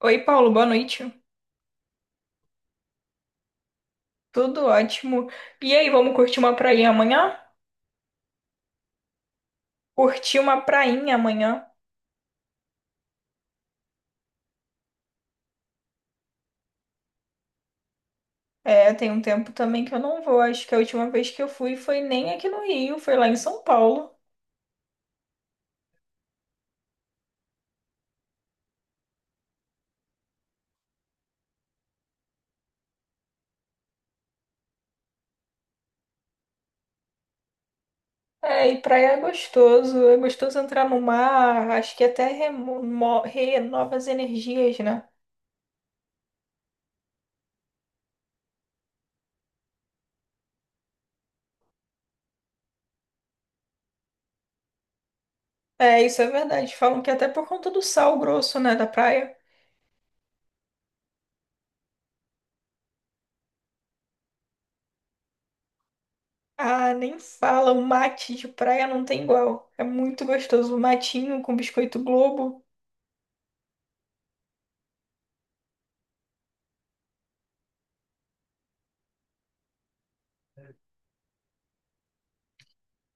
Oi, Paulo, boa noite. Tudo ótimo. E aí, vamos curtir uma prainha amanhã? Curtir uma prainha amanhã. É, tem um tempo também que eu não vou. Acho que a última vez que eu fui foi nem aqui no Rio, foi lá em São Paulo. É, e praia é gostoso. É gostoso entrar no mar. Acho que até renova as energias, né? É, isso é verdade. Falam que até por conta do sal grosso, né, da praia. Ah, nem fala. O mate de praia não tem igual. É muito gostoso. O matinho com biscoito Globo.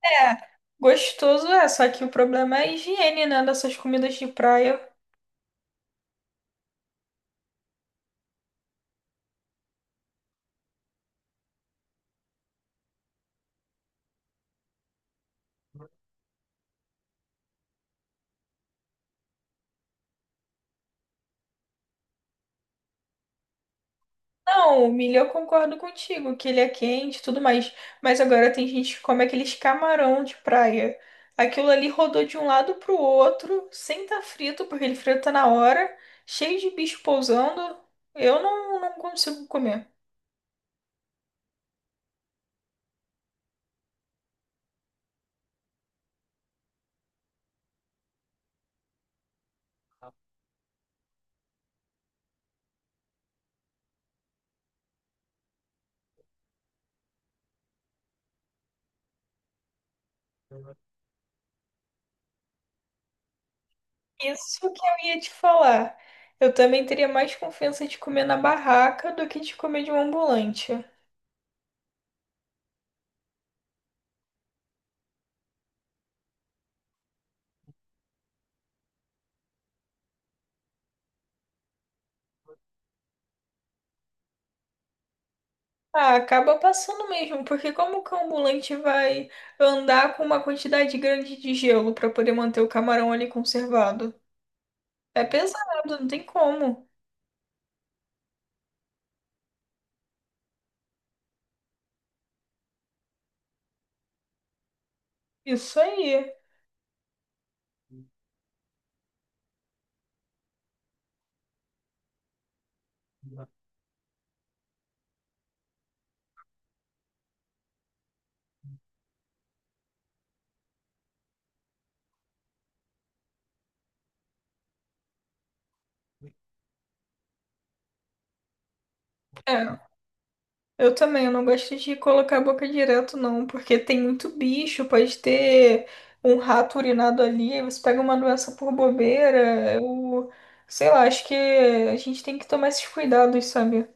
É, gostoso é, só que o problema é a higiene, né, dessas comidas de praia. Não, o milho eu concordo contigo, que ele é quente e tudo mais. Mas agora tem gente que come aqueles camarão de praia. Aquilo ali rodou de um lado pro outro, sem estar frito, porque ele frita na hora, cheio de bicho pousando. Eu não, consigo comer. Isso que eu ia te falar. Eu também teria mais confiança de comer na barraca do que de comer de um ambulante. Ah, acaba passando mesmo, porque como que o ambulante vai andar com uma quantidade grande de gelo para poder manter o camarão ali conservado? É pesado, não tem como. Isso aí. É, eu também, eu não gosto de colocar a boca direto, não, porque tem muito bicho, pode ter um rato urinado ali, você pega uma doença por bobeira, eu sei lá, acho que a gente tem que tomar esses cuidados, sabe?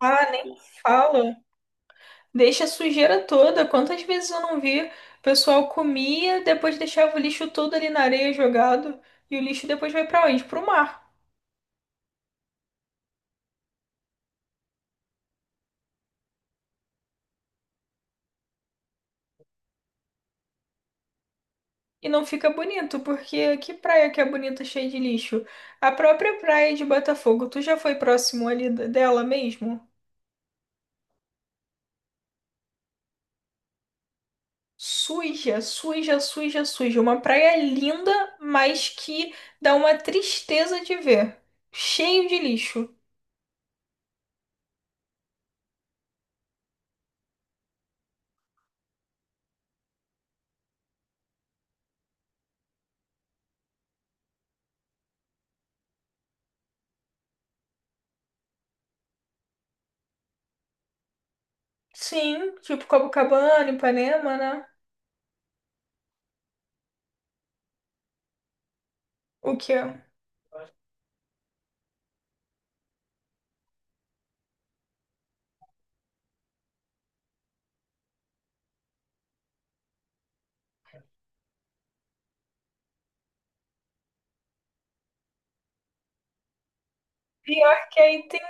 Ah, nem fala. Deixa a sujeira toda. Quantas vezes eu não vi? O pessoal comia, depois deixava o lixo todo ali na areia jogado. E o lixo depois vai pra onde? Pro mar. E não fica bonito, porque que praia que é bonita cheia de lixo? A própria praia de Botafogo, tu já foi próximo ali dela mesmo? Suja, suja, suja, suja. Uma praia linda, mas que dá uma tristeza de ver. Cheio de lixo. Sim, tipo Copacabana, Ipanema, né? O quê? Pior que aí tem.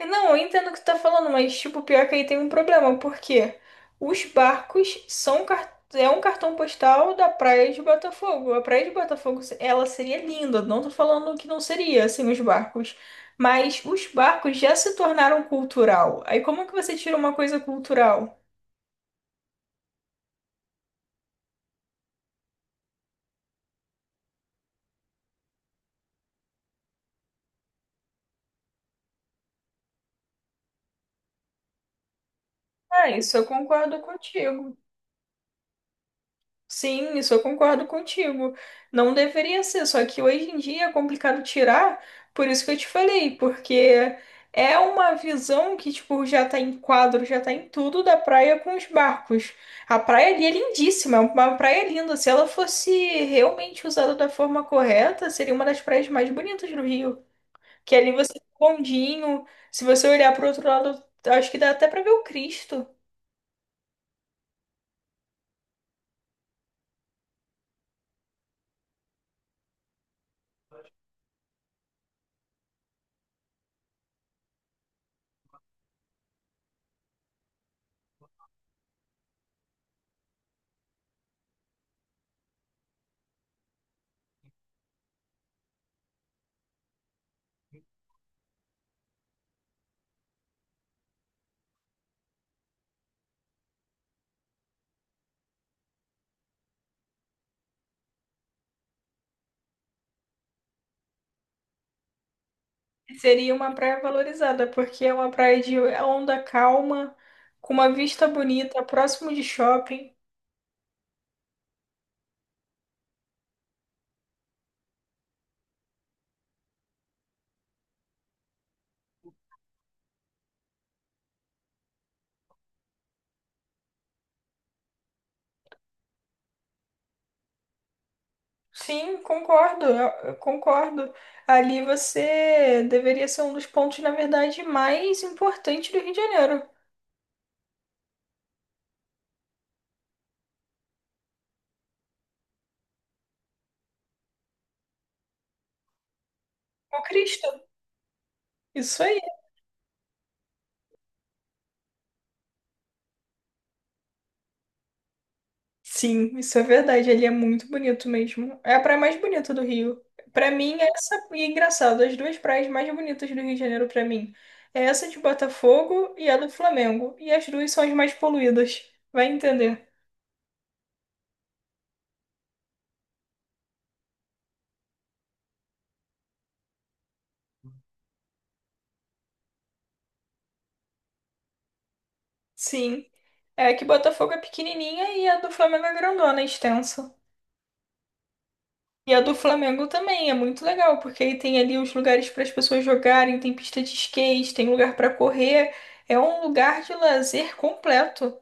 Não, eu entendo o que tu tá falando, mas, tipo, pior que aí tem um problema, porque os barcos são. Car- É um cartão postal da Praia de Botafogo. A Praia de Botafogo, ela seria linda, não tô falando que não seria, assim, os barcos. Mas os barcos já se tornaram cultural. Aí como que você tira uma coisa cultural? Ah, isso eu concordo contigo. Sim, isso eu concordo contigo. Não deveria ser, só que hoje em dia é complicado tirar, por isso que eu te falei, porque é uma visão que, tipo, já tá em quadro, já tá em tudo da praia com os barcos. A praia ali é lindíssima, é uma praia linda. Se ela fosse realmente usada da forma correta, seria uma das praias mais bonitas do Rio. Que ali você tem um bondinho, se você olhar pro outro lado, acho que dá até pra ver o Cristo. Seria uma praia valorizada, porque é uma praia de onda calma, com uma vista bonita, próximo de shopping. Sim, concordo, eu concordo. Ali você deveria ser um dos pontos, na verdade, mais importantes do Rio de Janeiro. O Cristo. Isso aí. Sim, isso é verdade. Ele é muito bonito mesmo. É a praia mais bonita do Rio. Pra mim, é essa e é engraçado, as duas praias mais bonitas do Rio de Janeiro pra mim é essa de Botafogo e a do Flamengo. E as duas são as mais poluídas. Vai entender. Sim, é que Botafogo é pequenininha e a do Flamengo é grandona, é extensa. E a do Flamengo também é muito legal, porque aí tem ali os lugares para as pessoas jogarem, tem pista de skate, tem lugar para correr. É um lugar de lazer completo.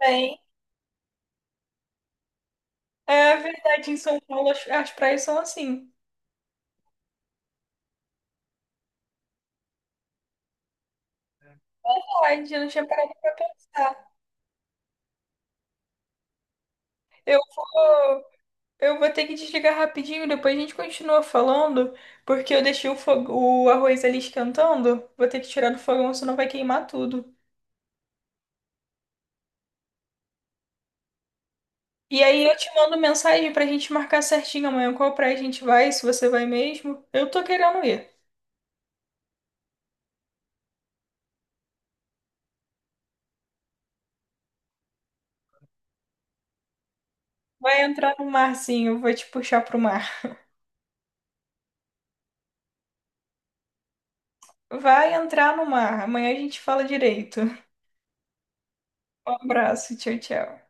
É, É verdade, em São Paulo as praias são assim. Verdade, eu não tinha parado pra pensar. Eu vou, eu vou ter que desligar rapidinho, depois a gente continua falando, porque eu deixei o, o arroz ali esquentando. Vou ter que tirar do fogão, senão vai queimar tudo. E aí eu te mando mensagem pra gente marcar certinho amanhã qual praia a gente vai, se você vai mesmo. Eu tô querendo ir. Vai entrar no mar, sim, eu vou te puxar pro mar. Vai entrar no mar. Amanhã a gente fala direito. Um abraço, tchau, tchau.